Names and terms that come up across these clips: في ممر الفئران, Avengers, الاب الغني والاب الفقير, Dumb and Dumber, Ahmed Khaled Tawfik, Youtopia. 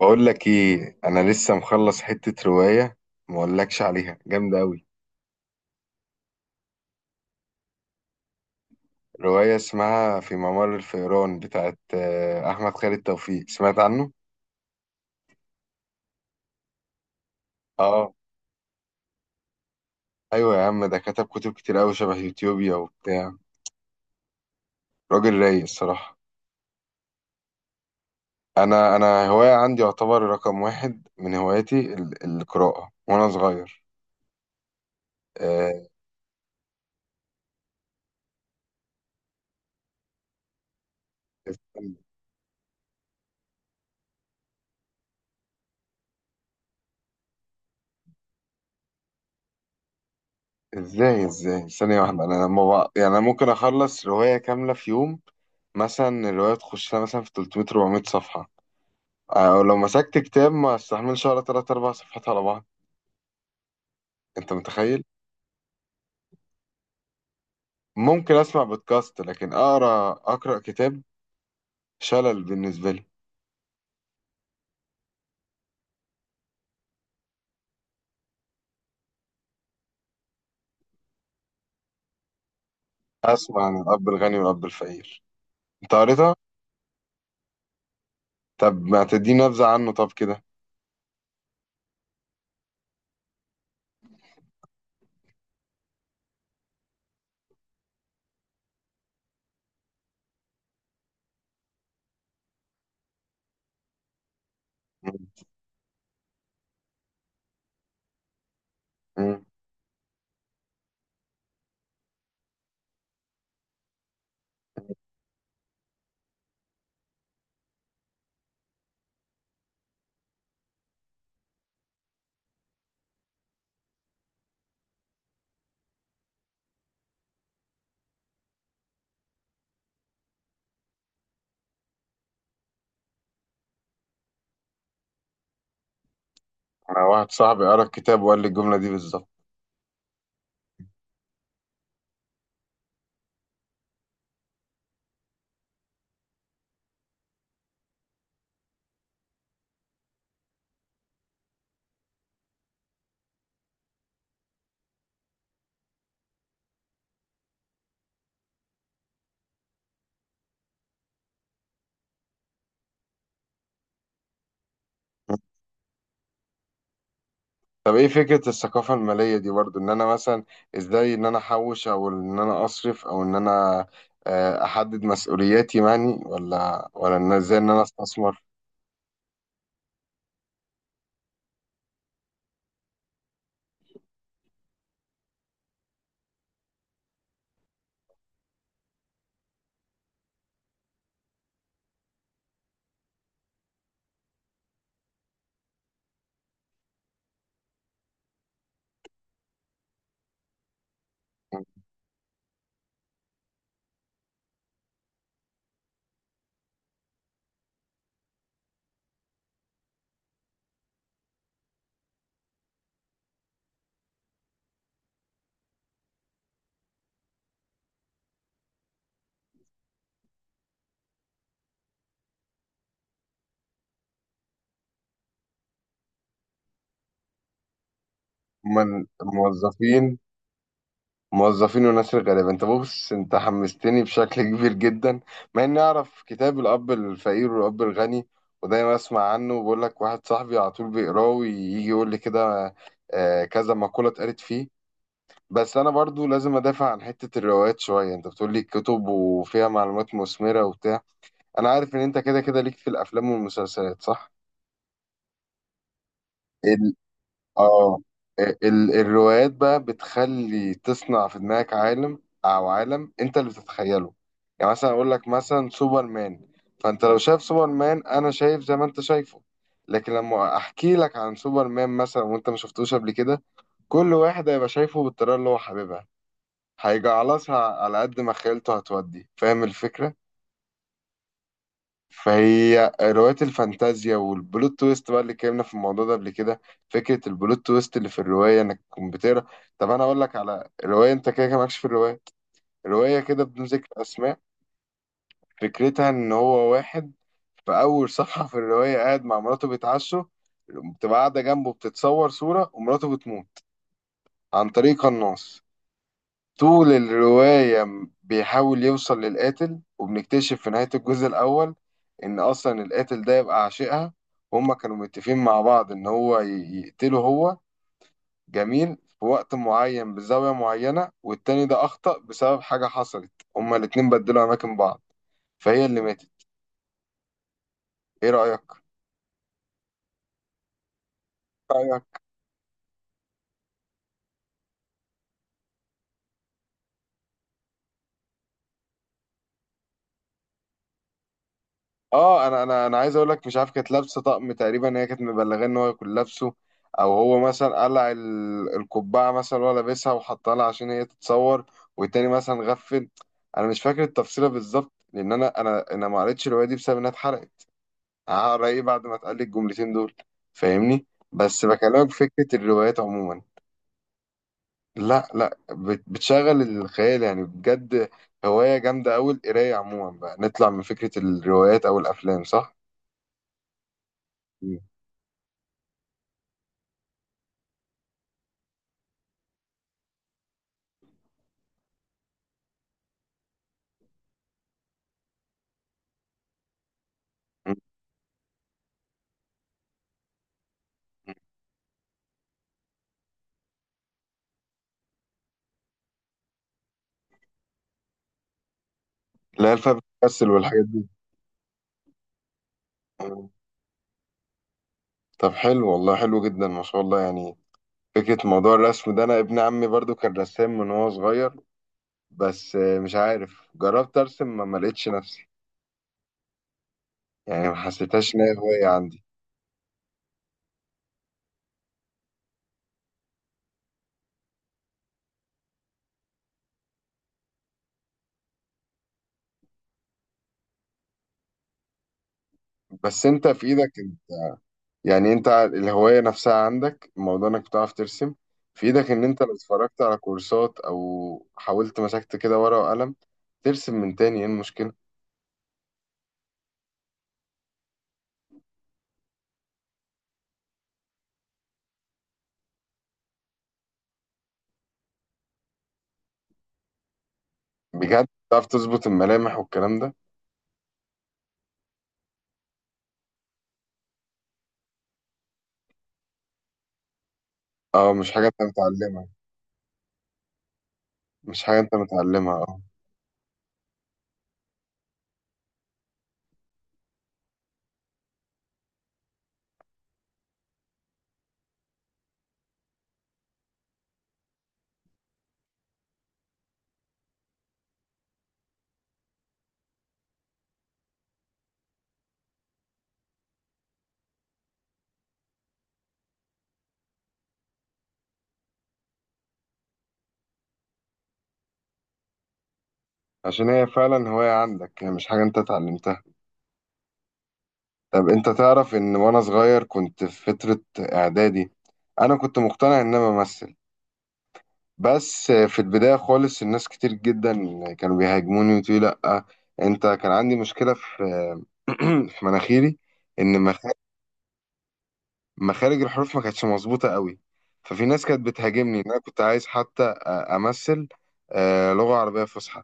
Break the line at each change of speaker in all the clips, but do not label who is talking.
بقول لك ايه؟ انا لسه مخلص حتة رواية، ما اقولكش عليها جامدة قوي. رواية اسمها في ممر الفئران بتاعت احمد خالد توفيق، سمعت عنه؟ اه. ايوه يا عم، ده كتب كتير قوي، شبه يوتيوبيا وبتاع. راجل رايق الصراحة. انا هواية عندي يعتبر رقم واحد من هواياتي، القراءة وانا صغير. آه، ازاي ثانية واحدة، انا لما بقى يعني انا ممكن اخلص رواية كاملة في يوم. مثلا الرواية تخش لها مثلا في 300 400 صفحة. او لو مسكت كتاب ما استحملش ولا 3 4 صفحات على بعض، انت متخيل؟ ممكن اسمع بودكاست، لكن اقرا كتاب، شلل بالنسبة لي. اسمع عن الاب الغني والاب الفقير، انت قريتها؟ طب ما تديني نبذة عنه طب كده. مم. مم. انا واحد صاحبي قرا الكتاب وقال لي الجملة دي بالظبط. طب ايه فكرة الثقافة المالية دي برضو، ان انا مثلا ازاي ان انا احوش او ان انا اصرف او ان انا احدد مسؤولياتي يعني، ولا ان ازاي ان انا استثمر. من موظفين، وناس الغلابة. انت بص، انت حمستني بشكل كبير جدا، مع اني اعرف كتاب الاب الفقير والاب الغني، ودايما اسمع عنه، وبقول لك واحد صاحبي على طول بيقراه ويجي يقول لي كده كذا مقولة اتقالت فيه. بس انا برضو لازم ادافع عن حتة الروايات شوية. انت بتقول لي كتب وفيها معلومات مثمرة وبتاع، انا عارف ان انت كده كده ليك في الافلام والمسلسلات، صح؟ ال... اه، الروايات بقى بتخلي تصنع في دماغك عالم، او عالم انت اللي بتتخيله. يعني مثلا اقول لك مثلا سوبرمان، فانت لو شايف سوبرمان انا شايف زي ما انت شايفه، لكن لما احكي لك عن سوبرمان مثلا وانت ما شفتوش قبل كده، كل واحد هيبقى شايفه بالطريقة اللي هو حاببها، هيجعلصها على قد ما خيلته هتودي. فاهم الفكرة؟ فهي رواية الفانتازيا والبلوت تويست بقى، اللي اتكلمنا في الموضوع ده قبل كده. فكرة البلوت تويست اللي في الرواية انك تكون بتقرا. طب انا اقول لك على رواية، انت كده كده مالكش في الرواية، رواية كده بدون ذكر اسماء. فكرتها ان هو واحد في اول صفحة في الرواية قاعد مع مراته بيتعشوا، بتبقى قاعدة جنبه بتتصور صورة، ومراته بتموت عن طريق قناص. طول الرواية بيحاول يوصل للقاتل، وبنكتشف في نهاية الجزء الأول إن أصلا القاتل ده يبقى عاشقها، هما كانوا متفقين مع بعض إن هو يقتله هو، جميل، في وقت معين بزاوية معينة، والتاني ده أخطأ بسبب حاجة حصلت، هما الاتنين بدلوا أماكن بعض، فهي اللي ماتت. إيه رأيك؟ اه، انا عايز اقول لك، مش عارف كانت لابسه طقم تقريبا، هي كانت مبلغاه ان هو يكون لابسه، او هو مثلا قلع القبعه مثلا وهو لابسها وحطها لها عشان هي تتصور، والتاني مثلا غفل. انا مش فاكر التفصيله بالظبط، لان انا ما قريتش الروايه دي بسبب انها اتحرقت، هقرا ايه بعد ما اتقال لي الجملتين دول؟ فاهمني؟ بس بكلمك في فكره الروايات عموما. لا لا، بتشغل الخيال يعني بجد، هوايه جامده قوي القرايه عموما. بقى نطلع من فكره الروايات او الافلام، صح؟ مم. اللي هي الفا بتمثل والحاجات دي. مم. طب حلو والله، حلو جدا، ما شاء الله يعني. فكرة موضوع الرسم ده، أنا ابن عمي برضو كان رسام من وهو صغير، بس مش عارف، جربت أرسم ما لقيتش نفسي، يعني ما حسيتهاش إن هي هواية عندي. بس أنت في إيدك، يعني أنت الهواية نفسها عندك، موضوع إنك بتعرف ترسم، في إيدك إن أنت لو اتفرجت على كورسات أو حاولت مسكت كده ورقة وقلم ترسم من تاني، إيه المشكلة؟ بجد تعرف تظبط الملامح والكلام ده؟ أه، مش حاجة أنت متعلمها. مش حاجة انت متعلمها، اه، عشان هي فعلا هواية عندك، هي مش حاجة انت اتعلمتها. طب انت تعرف ان وانا صغير كنت في فترة اعدادي، انا كنت مقتنع ان انا بمثل، بس في البداية خالص الناس كتير جدا كانوا بيهاجموني وتقولي لأ، انت كان عندي مشكلة في في مناخيري، ان مخارج الحروف ما كانتش مظبوطة قوي، ففي ناس كانت بتهاجمني ان انا كنت عايز حتى امثل لغة عربية فصحى.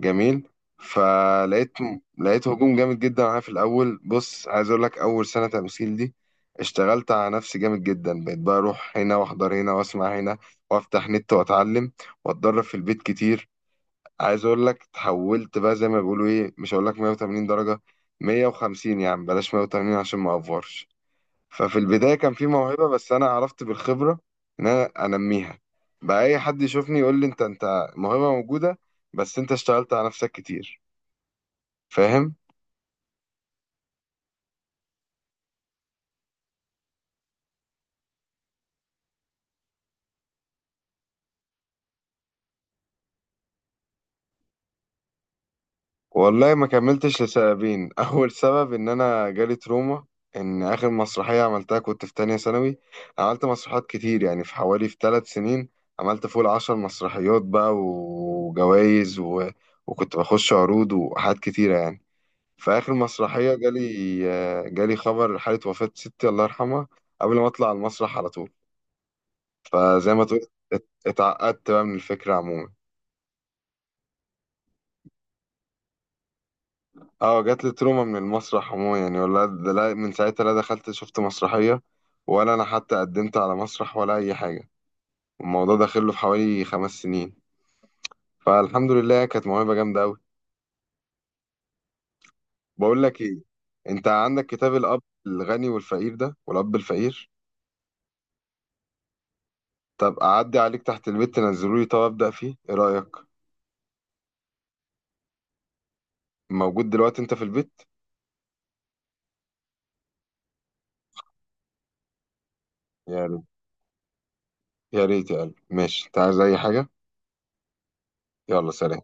جميل. فلقيت لقيت هجوم جامد جدا عليا في الاول. بص عايز اقول لك، اول سنه تمثيل دي اشتغلت على نفسي جامد جدا، بقيت بقى اروح هنا واحضر هنا واسمع هنا وافتح نت واتعلم واتدرب في البيت كتير. عايز اقول لك تحولت بقى، زي ما بيقولوا ايه، مش هقول لك 180 درجه، 150 يا عم، بلاش 180 عشان ما افورش. ففي البدايه كان في موهبه، بس انا عرفت بالخبره ان انا انميها، بقى اي حد يشوفني يقول لي انت موهبه موجوده، بس انت اشتغلت على نفسك كتير، فاهم؟ والله ما كملتش لسببين اول سبب ان انا جالي تروما، ان اخر مسرحيه عملتها كنت في تانية ثانوي، عملت مسرحيات كتير، يعني في حوالي في 3 سنين عملت فوق العشر مسرحيات بقى وجوائز وكنت بخش عروض وحاجات كتيره يعني. في اخر مسرحيه جالي خبر حاله وفاه ستي الله يرحمها قبل ما اطلع على المسرح على طول. فزي ما تقول، اتعقدت بقى من الفكره عموما. اه، جات لي تروما من المسرح عموما يعني، ولا ده، لا، من ساعتها لا دخلت شفت مسرحية ولا انا حتى قدمت على مسرح ولا اي حاجة، الموضوع داخل له في حوالي 5 سنين. فالحمد لله، كانت موهبة جامدة اوي. بقول لك ايه، انت عندك كتاب الاب الغني والفقير ده والاب الفقير؟ طب اعدي عليك تحت البيت تنزله لي، طب ابدا فيه، ايه رأيك؟ موجود دلوقتي انت في البيت؟ يا ريت، يا ريت يا قلبي. ماشي، انت عايز اي حاجة؟ يلا سلام.